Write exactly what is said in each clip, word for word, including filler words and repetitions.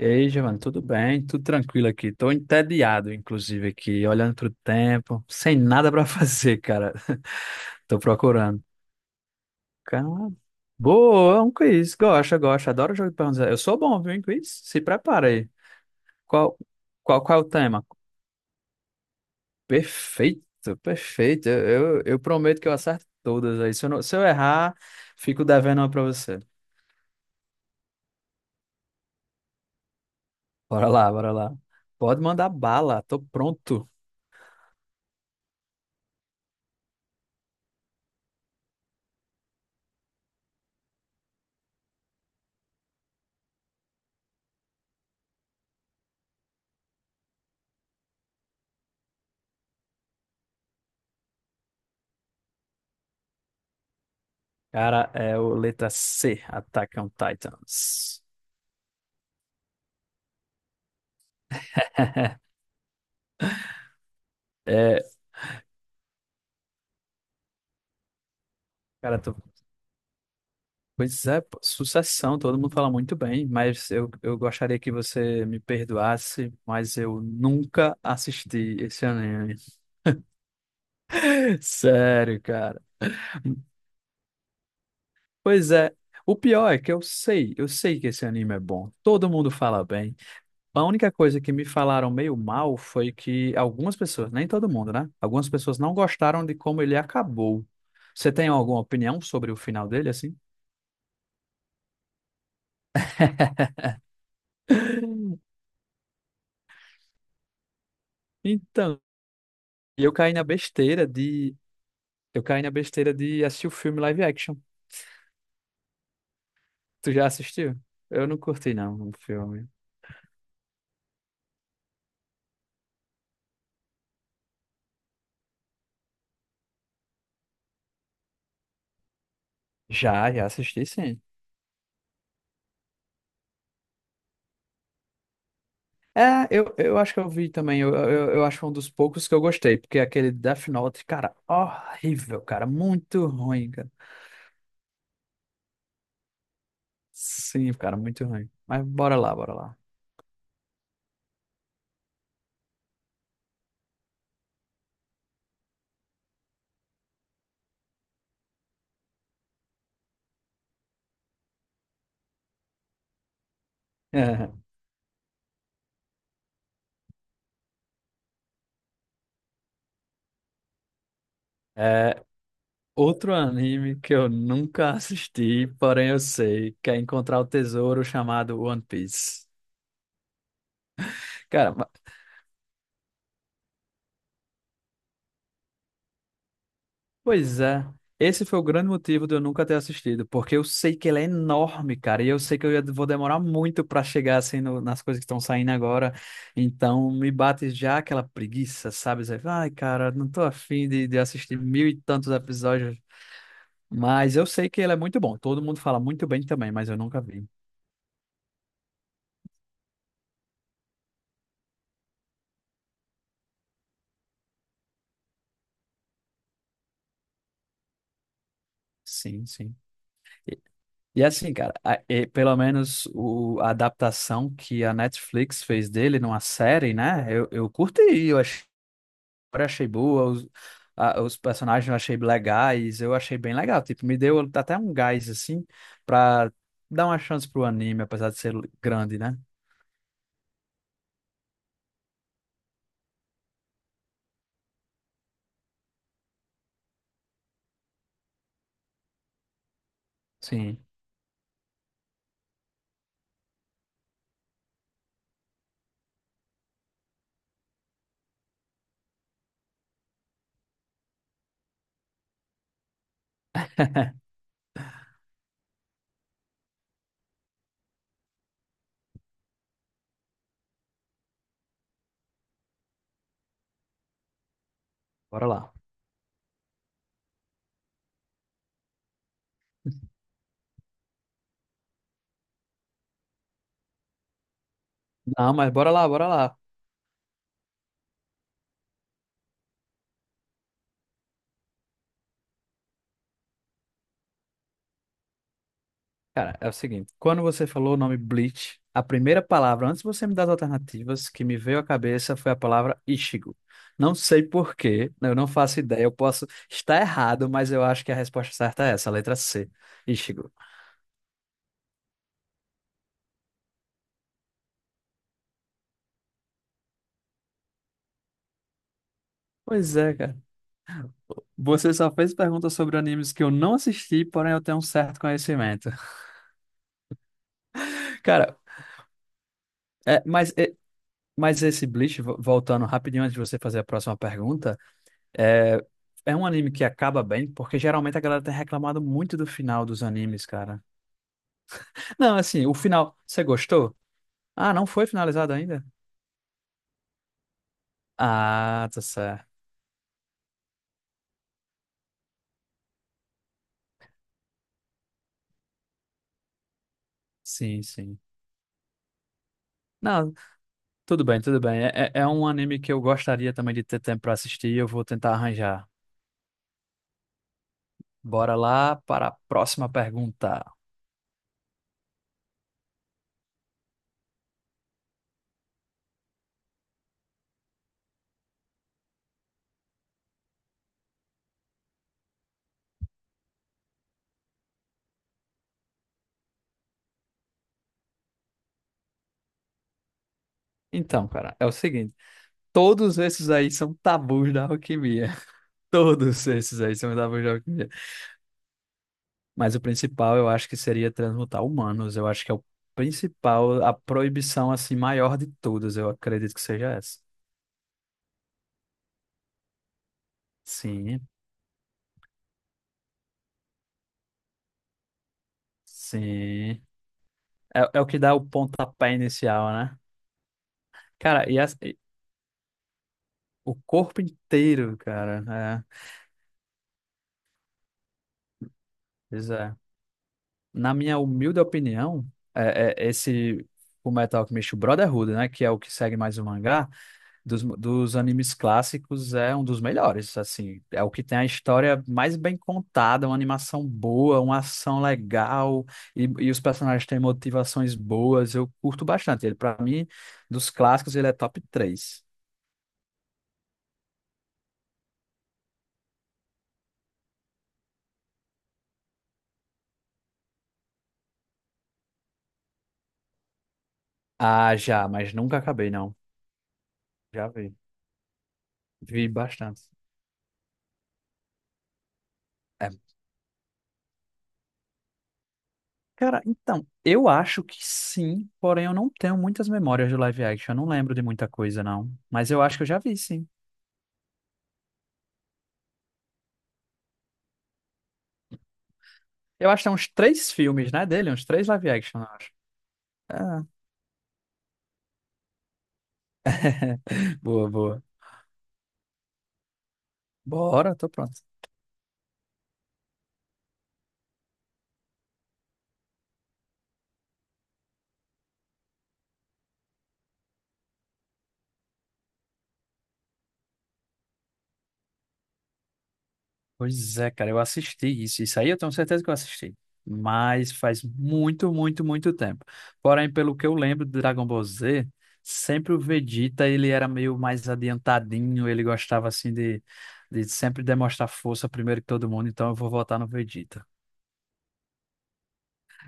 E aí, Giovanni, tudo bem? Tudo tranquilo aqui. Tô entediado, inclusive, aqui, olhando pro tempo, sem nada pra fazer, cara. Tô procurando. Cara, boa, é um quiz. Gosto, gosto. Adoro jogo de perguntas. Eu sou bom, viu, em quiz? Se prepara aí. Qual, qual, qual é o tema? Perfeito, perfeito. Eu, eu, eu prometo que eu acerto todas aí. Se eu, não- se eu errar, fico devendo uma pra você. Bora lá, bora lá. Pode mandar bala, tô pronto. Cara, é o letra C, Attack on Titans. É, cara, tô... pois é, pô, sucessão, todo mundo fala muito bem, mas eu, eu gostaria que você me perdoasse, mas eu nunca assisti esse anime. Sério, cara. Pois é, o pior é que eu sei, eu sei que esse anime é bom, todo mundo fala bem. A única coisa que me falaram meio mal foi que algumas pessoas, nem todo mundo, né? Algumas pessoas não gostaram de como ele acabou. Você tem alguma opinião sobre o final dele, assim? Então, eu caí na besteira de. Eu caí na besteira de assistir o filme live action. Tu já assistiu? Eu não curti, não, o filme. Já, já assisti, sim. É, eu, eu acho que eu vi também. Eu, eu, eu acho um dos poucos que eu gostei, porque aquele Death Note, cara, horrível, cara, muito ruim, cara. Sim, cara, muito ruim. Mas bora lá, bora lá. É, outro anime que eu nunca assisti, porém eu sei, que é encontrar o tesouro chamado One Piece. Cara, ma- pois é. Esse foi o grande motivo de eu nunca ter assistido, porque eu sei que ele é enorme, cara, e eu sei que eu ia- vou demorar muito pra chegar assim no- nas coisas que estão saindo agora. Então me bate já aquela preguiça, sabe? Zé? Ai, cara, não tô afim de, de assistir mil e tantos episódios. Mas eu sei que ele é muito bom. Todo mundo fala muito bem também, mas eu nunca vi. Sim, sim. E, e assim, cara, a- e pelo menos o, a adaptação que a Netflix fez dele numa série, né? Eu, eu curti, eu achei, eu achei boa, os, a- os personagens eu achei legais, eu achei bem legal. Tipo, me deu até um gás, assim, pra dar uma chance pro anime, apesar de ser grande, né? Sim, bora lá. Não, mas bora lá, bora lá. Cara, é o seguinte, quando você falou o nome Bleach, a primeira palavra, antes de você me dar as alternativas, que me veio à cabeça foi a palavra Ichigo. Não sei por quê, eu não faço ideia, eu posso estar errado, mas eu acho que a resposta certa é essa, a letra C, Ichigo. Pois é, cara. Você só fez perguntas sobre animes que eu não assisti, porém eu tenho um certo conhecimento. Cara, é, mas, é, mas esse Bleach, vo- voltando rapidinho antes de você fazer a próxima pergunta, é, é um anime que acaba bem, porque geralmente a galera tem reclamado muito do final dos animes, cara. Não, assim, o final, você gostou? Ah, não foi finalizado ainda? Ah, tá certo. Sim, sim. Não, tudo bem, tudo bem. É, é é um anime que eu gostaria também de ter tempo pra assistir e eu vou tentar arranjar. Bora lá para a próxima pergunta. Então, cara, é o seguinte: todos esses aí são tabus da alquimia. Todos esses aí são tabus da alquimia. Mas o principal eu acho que seria transmutar humanos. Eu acho que é o principal, a proibição assim maior de todas. Eu acredito que seja essa. Sim, sim. É, é o que dá o pontapé inicial, né? Cara, e, as- e o corpo inteiro, cara. É, pois é. Na minha humilde opinião, é, é esse o Metal Alchemist Brotherhood, né? Que é o que segue mais o mangá. dos, dos animes clássicos é um dos melhores, assim, é o que tem a história mais bem contada, uma animação boa, uma ação legal e, e os personagens têm motivações boas, eu curto bastante. Ele para mim, dos clássicos, ele é top três. Ah, já, mas nunca acabei não. Já vi, vi bastante. É. Cara, então, eu acho que sim, porém eu não tenho muitas memórias de live action, eu não lembro de muita coisa não, mas eu acho que eu já vi sim. Eu acho que tem uns três filmes, né, dele, uns três live action. Eu acho. Ah. Boa, boa. Bora, tô pronto. Pois é, cara, eu assisti isso. Isso aí eu tenho certeza que eu assisti. Mas faz muito, muito, muito tempo. Porém, pelo que eu lembro do Dragon Ball Z, sempre o Vegeta, ele era meio mais adiantadinho, ele gostava assim de, de sempre demonstrar força primeiro que todo mundo, então eu vou votar no Vegeta.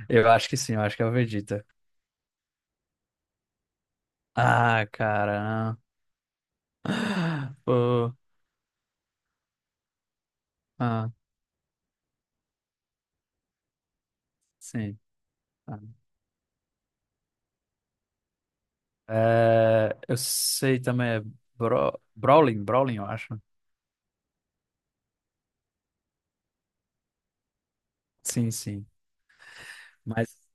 Eu acho que sim, eu acho que é o Vegeta. Ah, cara. Ah. Pô, ah, sim. Ah. É, eu sei também, é Bro, Brawling, Brawling, eu acho. Sim, sim. Mas,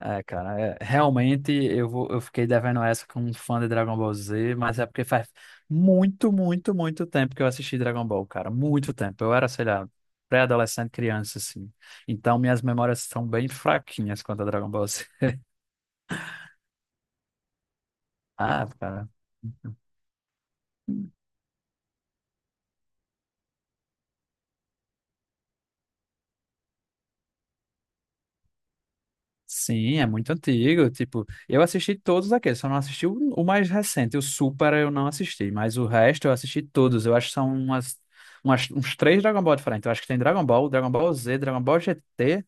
é, cara, é, realmente eu vou, eu fiquei devendo essa com um fã de Dragon Ball Z, mas é porque faz muito, muito, muito tempo que eu assisti Dragon Ball, cara. Muito tempo. Eu era, sei lá, pré-adolescente, criança, assim. Então minhas memórias são bem fraquinhas quanto a Dragon Ball Z. Ah, cara. Sim, é muito antigo. Tipo, eu assisti todos aqueles, só não assisti o, o mais recente, o Super eu não assisti, mas o resto eu assisti todos. Eu acho que são umas, umas- uns três Dragon Ball diferentes. Eu acho que tem Dragon Ball, Dragon Ball Z, Dragon Ball G T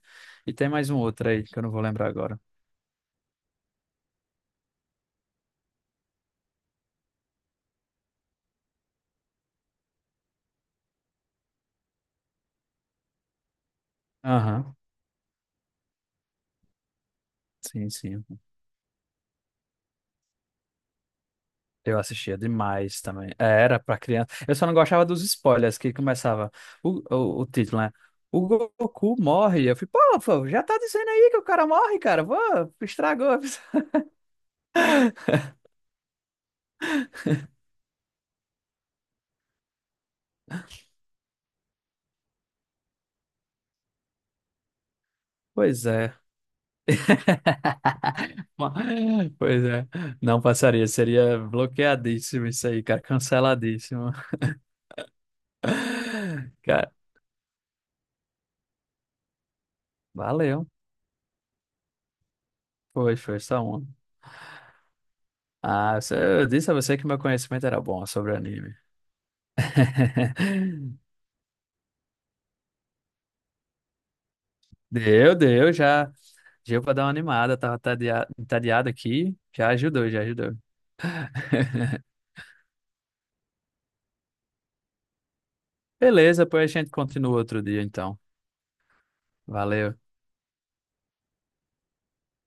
e tem mais um outro aí que eu não vou lembrar agora. Aham. Sim, sim. Eu assistia demais também. É, era pra criança. Eu só não gostava dos spoilers que começava o, o, o título, né? O Goku morre. Eu fui, pô, pô, já tá dizendo aí que o cara morre, cara. Pô, estragou. Pois é. Pois é. Não passaria. Seria bloqueadíssimo isso aí, cara. Canceladíssimo. Cara, valeu. Foi, foi só um. Ah, você- eu disse a você que meu conhecimento era bom sobre anime. Deu, deu, já. Deu pra dar uma animada. Tava tadia- entediado aqui. Já ajudou, já ajudou. Beleza, pois a gente continua outro dia, então. Valeu.